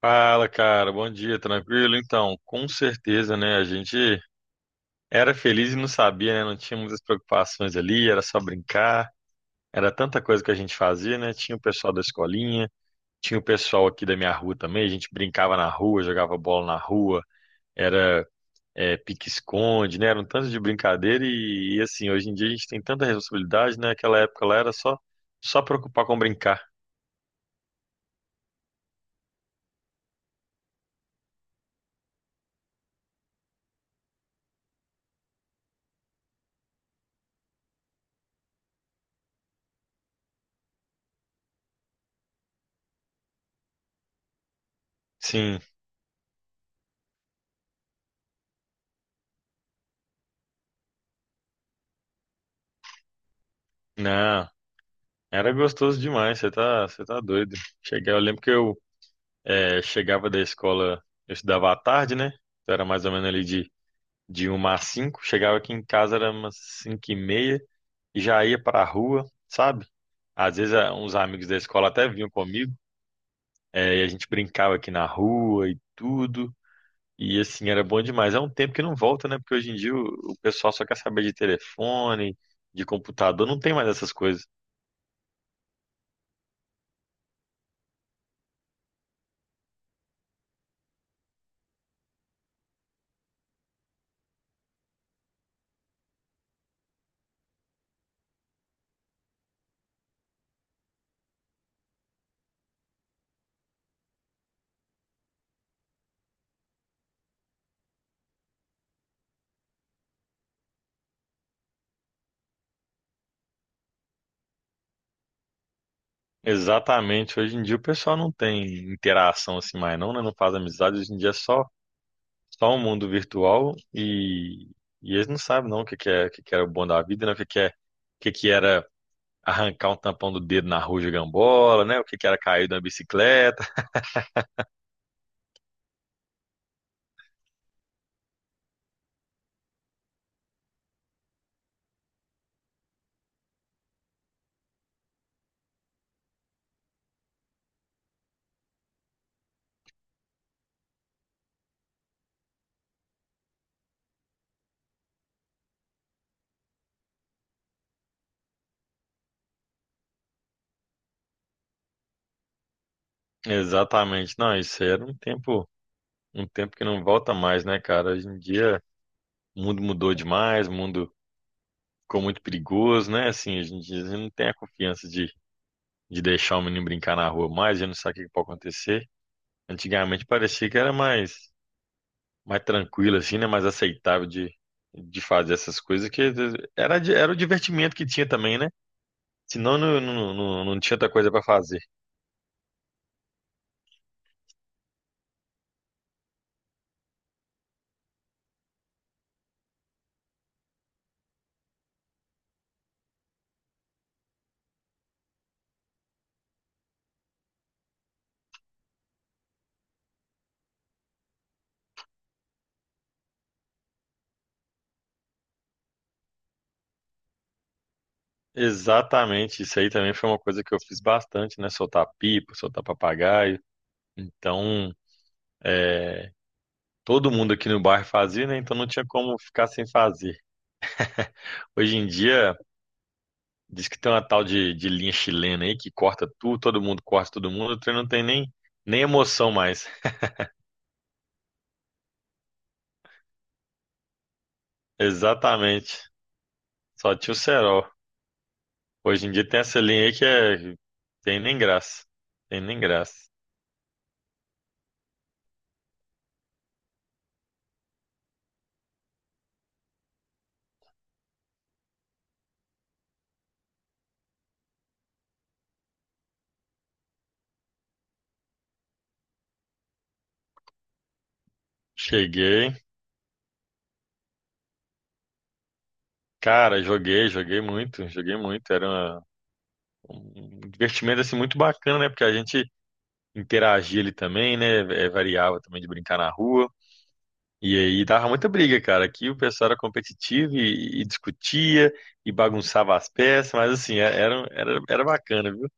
Fala, cara, bom dia, tranquilo? Então, com certeza, né? A gente era feliz e não sabia, né? Não tinha muitas preocupações ali, era só brincar, era tanta coisa que a gente fazia, né? Tinha o pessoal da escolinha, tinha o pessoal aqui da minha rua também, a gente brincava na rua, jogava bola na rua, era pique-esconde, né? Era um tanto de brincadeira e assim, hoje em dia a gente tem tanta responsabilidade, né? Aquela época lá era só, só preocupar com brincar. Sim, não, era gostoso demais, você tá doido. Cheguei, eu lembro que eu É, chegava da escola, eu estudava à tarde, né? Então era mais ou menos ali de uma às cinco. Chegava aqui em casa, era umas cinco e meia, e já ia pra rua, sabe? Às vezes ah, uns amigos da escola até vinham comigo, é, e a gente brincava aqui na rua e tudo. E assim, era bom demais. É um tempo que não volta, né? Porque hoje em dia o pessoal só quer saber de telefone, de computador, não tem mais essas coisas. Exatamente, hoje em dia o pessoal não tem interação assim mais, não, né? Não faz amizade, hoje em dia é só um mundo virtual e eles não sabem não o que que é, o que que era o bom da vida, né? O que que é, o que que era arrancar um tampão do dedo na rua de gambola, né? O que que era cair da bicicleta. Exatamente. Não, isso era um tempo que não volta mais, né, cara? Hoje em dia o mundo mudou demais, o mundo ficou muito perigoso, né? Assim, a gente não tem a confiança de deixar o menino brincar na rua mais, a gente não sabe o que que pode acontecer. Antigamente parecia que era mais mais tranquila, assim, né? Mais aceitável de fazer essas coisas, que era o divertimento que tinha também, né? Senão não, não tinha outra coisa para fazer. Exatamente, isso aí também foi uma coisa que eu fiz bastante, né? Soltar pipa, soltar papagaio. Então, é, todo mundo aqui no bairro fazia, né? Então não tinha como ficar sem fazer. Hoje em dia, diz que tem uma tal de linha chilena aí que corta tudo, todo mundo corta todo mundo, o trem não tem nem, nem emoção mais. Exatamente, só tinha o cerol. Hoje em dia tem essa linha aí que é. Tem nem graça. Tem nem graça. Cheguei. Cara, joguei muito, joguei muito. Um divertimento assim muito bacana, né? Porque a gente interagia ali também, né? É, variava também de brincar na rua. E aí dava muita briga, cara. Aqui o pessoal era competitivo e discutia e bagunçava as peças, mas assim, era, era bacana, viu?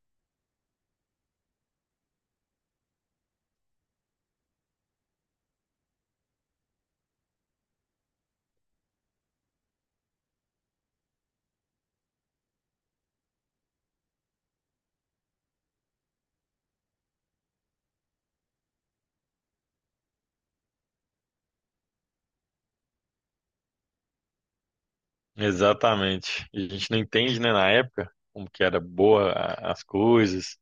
Exatamente. E a gente não entende, né, na época, como que era boa as coisas,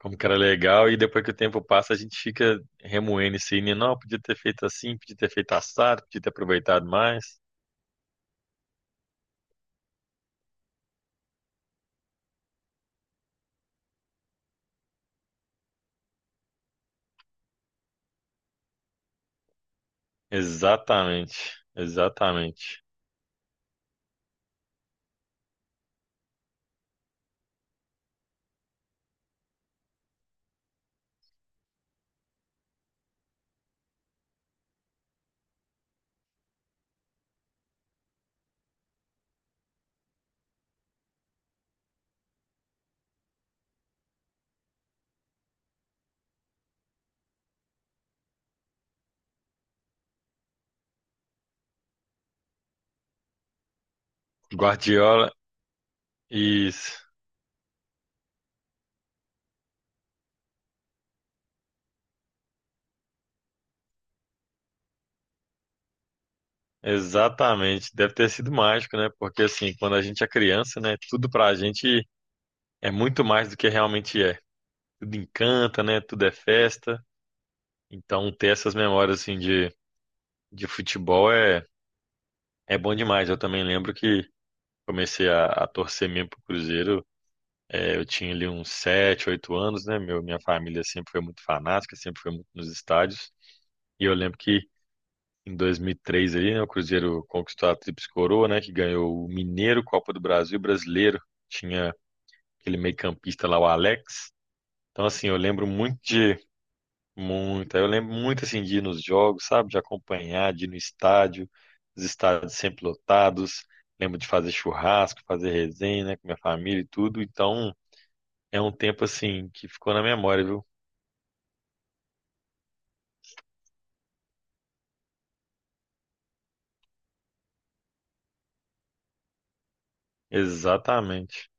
como que era legal, e depois que o tempo passa, a gente fica remoendo isso aí, né? Não, podia ter feito assim, podia ter feito assado, podia ter aproveitado mais. Exatamente, exatamente. Guardiola, isso, exatamente. Deve ter sido mágico, né? Porque assim, quando a gente é criança, né, tudo pra gente é muito mais do que realmente é. Tudo encanta, né? Tudo é festa. Então, ter essas memórias assim de futebol é, é bom demais. Eu também lembro que comecei a torcer mesmo pro Cruzeiro. É, eu tinha ali uns sete, oito anos, né? Minha família sempre foi muito fanática, sempre foi muito nos estádios. E eu lembro que em 2003 ali, né, o Cruzeiro conquistou a Tríplice Coroa, né? Que ganhou o Mineiro, Copa do Brasil, Brasileiro. Tinha aquele meio-campista lá, o Alex. Então, assim, eu lembro muito de... Muito. Eu lembro muito, assim, de ir nos jogos, sabe? De acompanhar, de ir no estádio. Os estádios sempre lotados. Lembro de fazer churrasco, fazer resenha, né? Com minha família e tudo. Então... É um tempo assim que ficou na memória, viu? Exatamente.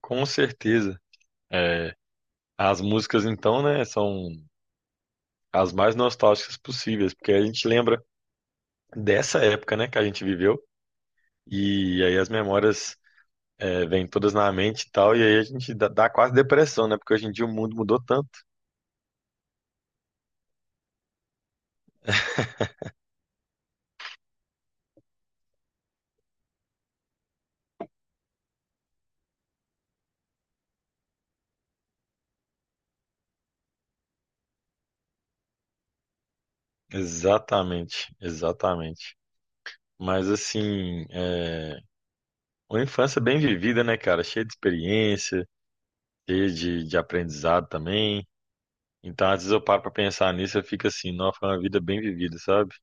Com certeza. É, as músicas então, né, são as mais nostálgicas possíveis, porque a gente lembra dessa época, né, que a gente viveu, e aí as memórias é, vêm todas na mente e tal, e aí a gente dá quase depressão, né, porque hoje em dia o mundo mudou tanto. Exatamente, exatamente. Mas assim, é, uma infância bem vivida, né, cara, cheia de experiência, cheia de aprendizado também. Então, às vezes eu paro pra pensar nisso, eu fico assim, nossa, foi uma vida bem vivida, sabe?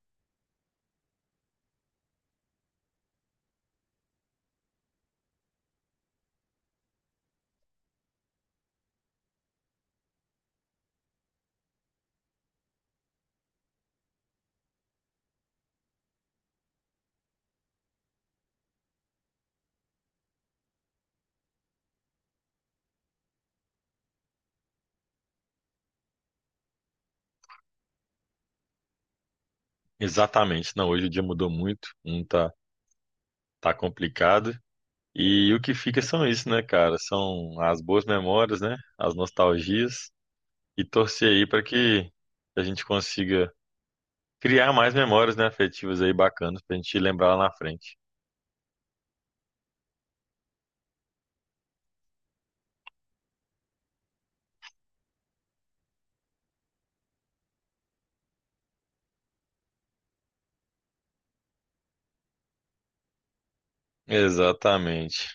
Exatamente. Não, hoje o dia mudou muito, não tá, tá complicado. E o que fica são isso, né, cara? São as boas memórias, né? As nostalgias. E torcer aí pra que a gente consiga criar mais memórias, né, afetivas aí bacanas pra gente lembrar lá na frente. Exatamente.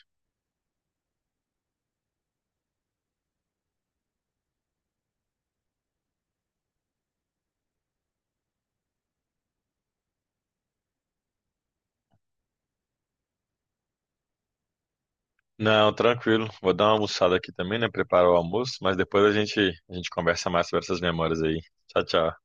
Não, tranquilo. Vou dar uma almoçada aqui também, né? Preparar o almoço, mas depois a gente conversa mais sobre essas memórias aí. Tchau, tchau.